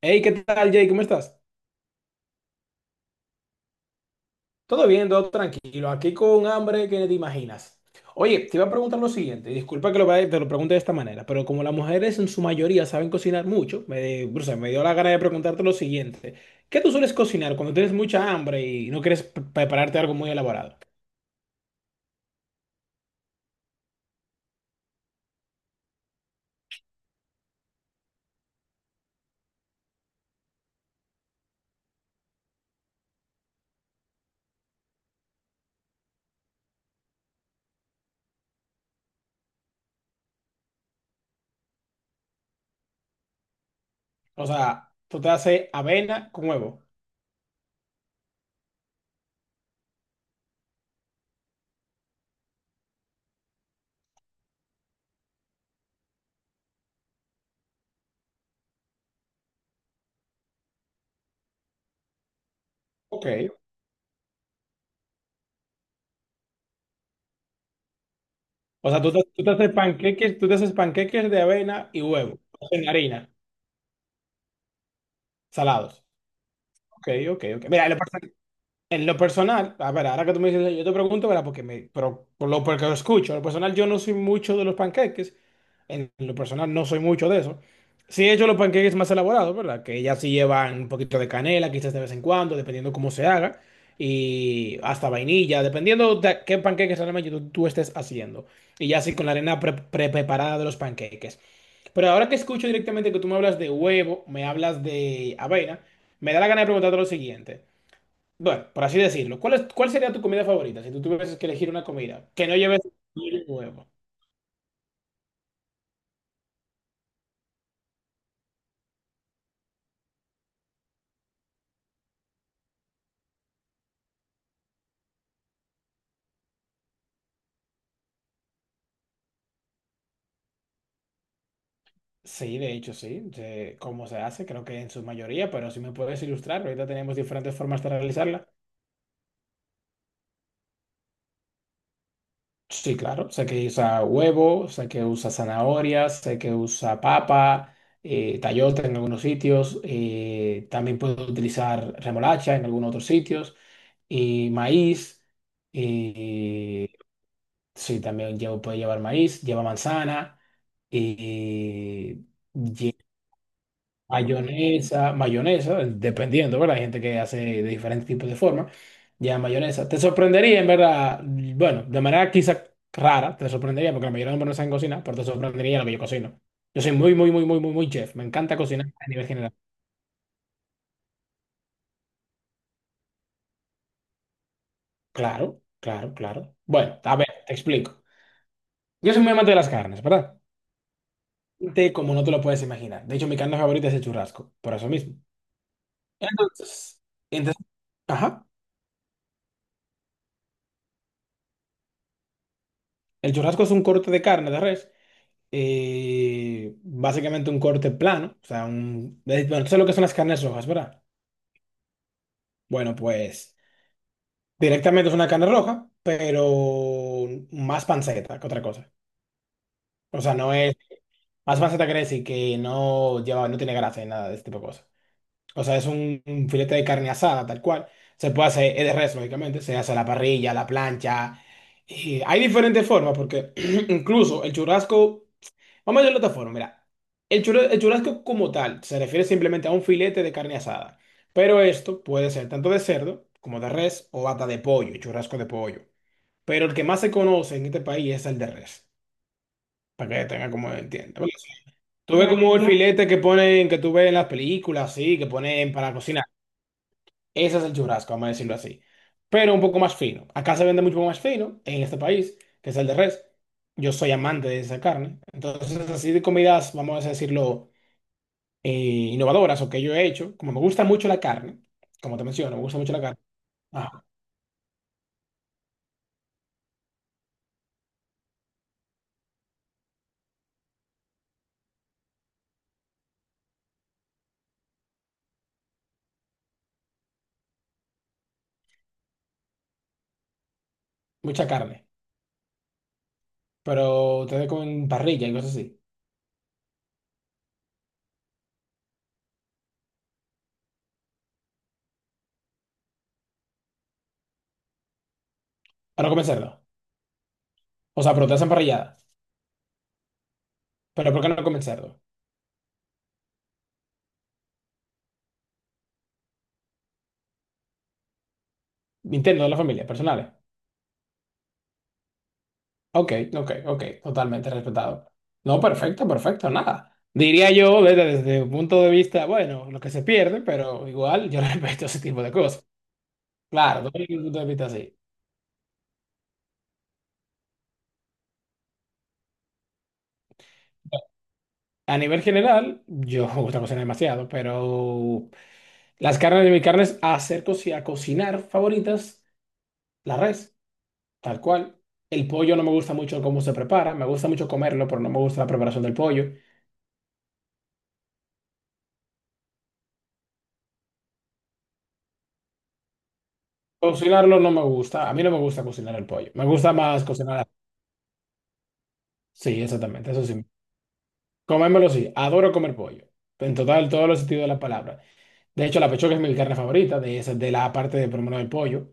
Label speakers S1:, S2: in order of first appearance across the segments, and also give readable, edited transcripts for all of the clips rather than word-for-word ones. S1: Hey, ¿qué tal, Jay? ¿Cómo estás? Todo bien, todo tranquilo. Aquí con hambre que ni te imaginas. Oye, te iba a preguntar lo siguiente. Y disculpa que te lo pregunte de esta manera, pero como las mujeres en su mayoría saben cocinar mucho, me, o sea, me dio la gana de preguntarte lo siguiente. ¿Qué tú sueles cocinar cuando tienes mucha hambre y no quieres prepararte algo muy elaborado? O sea, tú te haces avena con huevo. Ok. O sea, tú te haces panqueques, tú te haces panqueques de avena y huevo. En harina, salados. Ok, ok, ok. Mira, lo personal. En lo personal, a ver, ahora que tú me dices, yo te pregunto, ¿verdad? Porque me, pero por lo, porque lo escucho. En lo personal, yo no soy mucho de los panqueques. En lo personal, no soy mucho de eso. Sí he hecho los panqueques más elaborados, ¿verdad? Que ya sí llevan un poquito de canela, quizás de vez en cuando, dependiendo cómo se haga. Y hasta vainilla, dependiendo de qué panqueques realmente tú estés haciendo. Y ya sí con la arena preparada de los panqueques. Pero ahora que escucho directamente que tú me hablas de huevo, me hablas de avena, me da la gana de preguntarte lo siguiente. Bueno, por así decirlo, ¿cuál es, cuál sería tu comida favorita si tú tuvieses que elegir una comida que no lleves pollo huevo? Sí, de hecho, sí. Sé cómo se hace, creo que en su mayoría, pero si me puedes ilustrar, ahorita tenemos diferentes formas de realizarla. Sí, claro, sé que usa huevo, sé que usa zanahorias, sé que usa papa, tayota en algunos sitios, también puedo utilizar remolacha en algunos otros sitios, y maíz. eh, Sí, también puede llevar maíz, lleva manzana y lleva mayonesa, mayonesa, dependiendo, ¿verdad? Hay gente que hace de diferentes tipos de forma, lleva mayonesa. Te sorprendería, en verdad, bueno, de manera quizá rara, te sorprendería, porque la mayoría de los hombres no saben cocinar, pero te sorprendería lo que yo cocino. Yo soy muy, muy, muy, muy, muy, muy chef. Me encanta cocinar a nivel general. Claro, claro, claro. Bueno, a ver, te explico. Yo soy muy amante de las carnes, ¿verdad? Como no te lo puedes imaginar. De hecho, mi carne favorita es el churrasco, por eso mismo. Entonces, entonces, ajá, el churrasco es un corte de carne de res, básicamente un corte plano, o sea, un, bueno, tú sabes lo que son las carnes rojas, ¿verdad? Bueno, pues directamente es una carne roja, pero más panceta que otra cosa. O sea, no es, más panceta quiere decir que no lleva, no tiene grasa y nada de este tipo de cosas. O sea, es un filete de carne asada, tal cual. Se puede hacer, es de res, lógicamente. Se hace a la parrilla, a la plancha. Y hay diferentes formas, porque incluso el churrasco. Vamos a verlo de otra forma, mira. El churrasco como tal se refiere simplemente a un filete de carne asada. Pero esto puede ser tanto de cerdo como de res o hasta de pollo, churrasco de pollo. Pero el que más se conoce en este país es el de res. Para que tenga como entienda. Tú ves como el filete que ponen, que tú ves en las películas, sí, que ponen para cocinar. Ese es el churrasco, vamos a decirlo así. Pero un poco más fino. Acá se vende mucho más fino en este país, que es el de res. Yo soy amante de esa carne. Entonces, así de comidas, vamos a decirlo, eh, innovadoras o que yo he hecho. Como me gusta mucho la carne, como te menciono, me gusta mucho la carne. Ah, mucha carne. Pero te con parrilla y cosas así. Pero no comen cerdo. O sea, pero te hacen parrillada. Pero ¿por qué no comen cerdo? Interno de la familia, personales. Ok, ok, ok, totalmente respetado. No, perfecto, perfecto, nada. Diría yo desde, desde un punto de vista, bueno, lo que se pierde, pero igual yo respeto ese tipo de cosas. Claro, doy un punto de vista así. A nivel general, yo me gusta cocinar demasiado, pero las carnes de mis carnes hacer a cocinar favoritas, la res, tal cual. El pollo no me gusta mucho cómo se prepara, me gusta mucho comerlo, pero no me gusta la preparación del pollo. Cocinarlo no me gusta, a mí no me gusta cocinar el pollo, me gusta más cocinar. Sí, exactamente, eso sí. Comérmelo sí, adoro comer pollo. En total, todos los sentidos de la palabra. De hecho, la pechuga es mi carne favorita, de esa, de la parte de por lo menos del pollo.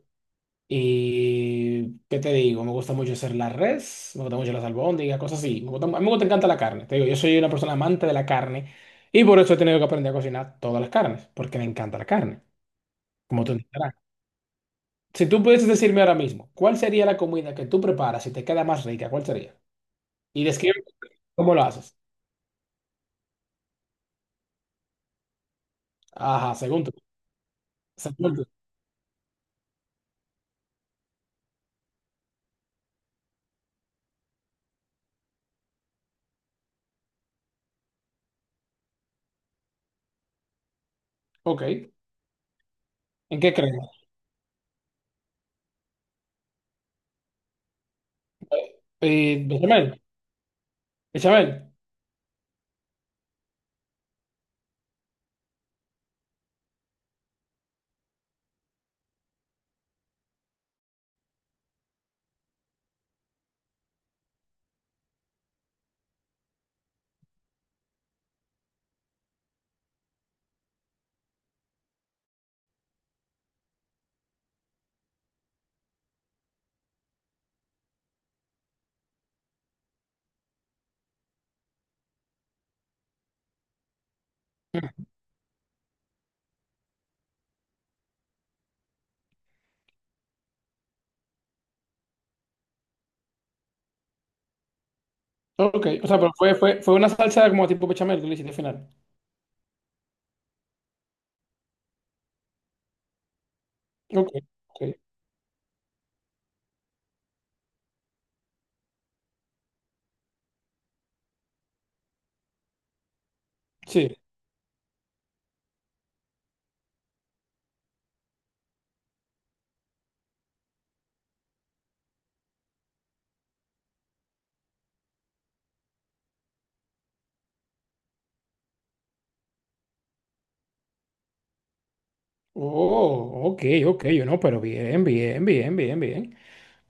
S1: Y, ¿qué te digo? Me gusta mucho hacer la res, me gusta mucho las albóndigas, cosas así. A mí me gusta, encanta la carne. Te digo, yo soy una persona amante de la carne y por eso he tenido que aprender a cocinar todas las carnes, porque me encanta la carne, como tú entenderás. Si tú pudieses decirme ahora mismo, ¿cuál sería la comida que tú preparas y te queda más rica? ¿Cuál sería? Y describe cómo lo haces. Ajá, según tú. Ok. ¿En qué crees? Bechamel. Bechamel. Mm, Ok. O sea, pero fue una salsa como tipo bechamel que le hiciste al final. Ok. Ok. Sí. Oh, ok, ok. Yo no, pero bien, bien, bien, bien, bien.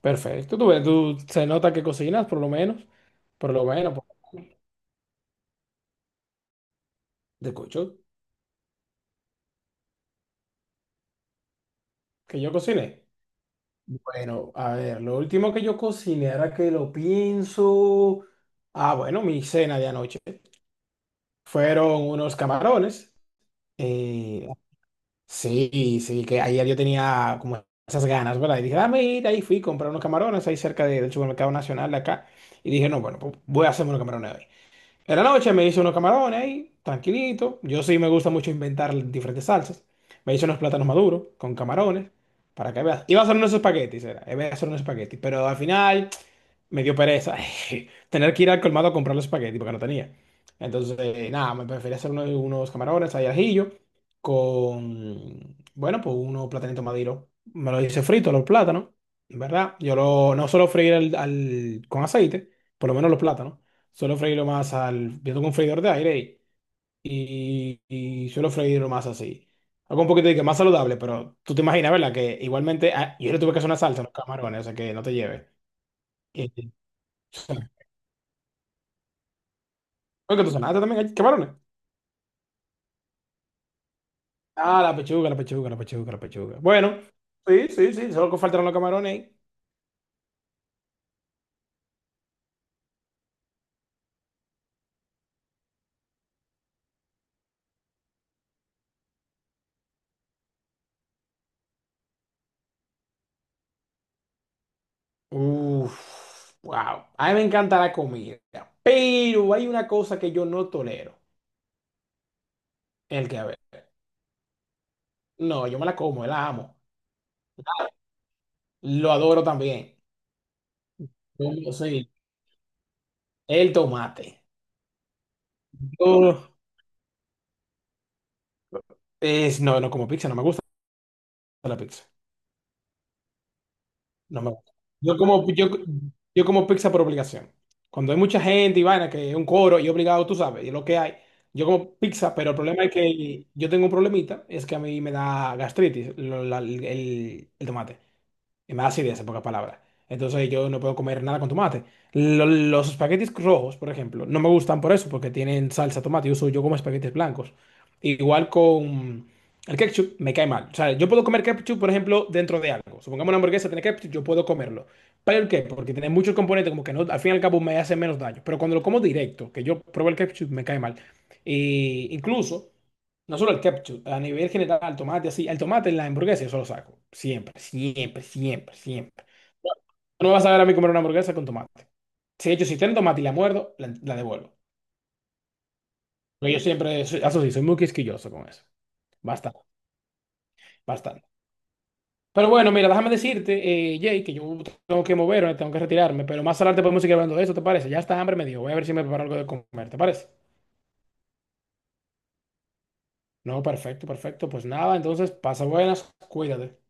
S1: Perfecto. Tú, ves, tú se nota que cocinas, por lo menos. Por lo menos, te escucho. Que yo cociné. Bueno, a ver, lo último que yo cociné ahora que lo pienso. Ah, bueno, mi cena de anoche. Fueron unos camarones. eh, Sí, sí, que ayer yo tenía como esas ganas, ¿verdad? Y dije, dame ir, ahí fui, compré unos camarones ahí cerca del supermercado nacional de acá. Y dije, no, bueno, pues voy a hacerme unos camarones hoy. En la noche me hice unos camarones ahí, tranquilito. Yo sí me gusta mucho inventar diferentes salsas. Me hice unos plátanos maduros con camarones, para que veas. Iba a hacer unos espaguetis, era. Iba a hacer unos espaguetis, pero al final me dio pereza tener que ir al colmado a comprar los espaguetis porque no tenía. Entonces, nada, me preferí hacer unos camarones ahí al ajillo con, bueno, pues unos platanitos maduros. Me lo hice frito, los plátanos, ¿verdad? Yo lo, no suelo freír con aceite, por lo menos los plátanos. Suelo freírlo más al... Yo tengo un freidor de aire y suelo freírlo más así. Algo un poquito de que más saludable, pero tú te imaginas, ¿verdad? Que igualmente ah, yo le tuve que hacer una salsa a los camarones, o sea que no te lleves. Eh, Oye, que tú sonaste también camarones. Ah, la pechuga, la pechuga, la pechuga, la pechuga. Bueno, sí, sí, sí, solo que faltaron los camarones. Ahí. Uf, wow. A mí me encanta la comida, pero hay una cosa que yo no tolero, el que a ver. No, yo me la como, la amo, lo adoro también. Sí, el tomate. Yo, es, no, no como pizza, no me gusta la pizza. No me gusta. Yo como, yo, yo como pizza por obligación. Cuando hay mucha gente y vaina, que es un coro y obligado, tú sabes, y es lo que hay. Yo como pizza, pero el problema es que yo tengo un problemita, es que a mí me da gastritis, el tomate. Y más da acidez, en pocas palabras. Entonces yo no puedo comer nada con tomate. Los espaguetis rojos, por ejemplo, no me gustan por eso, porque tienen salsa tomate. Yo como espaguetis blancos. Igual con el ketchup, me cae mal. O sea, yo puedo comer ketchup, por ejemplo, dentro de algo. Supongamos una hamburguesa tiene ketchup, yo puedo comerlo. ¿Pero el qué? Porque tiene muchos componentes, como que no, al fin y al cabo me hace menos daño. Pero cuando lo como directo, que yo pruebo el ketchup, me cae mal. Y incluso. No solo el ketchup, a nivel general, el tomate así. El tomate en la hamburguesa yo solo saco. Siempre, siempre, siempre, siempre. No, no me vas a ver a mí comer una hamburguesa con tomate. Si de hecho, si tiene tomate y la muerdo, la devuelvo. Porque yo siempre, eso sí, soy muy quisquilloso con eso. Bastante, bastante. Pero bueno, mira, déjame decirte, Jay, que yo tengo que moverme, tengo que retirarme. Pero más adelante podemos seguir hablando de eso, ¿te parece? Ya está, hambre me dio. Voy a ver si me preparo algo de comer, ¿te parece? No, perfecto, perfecto. Pues nada, entonces pasa buenas, cuídate.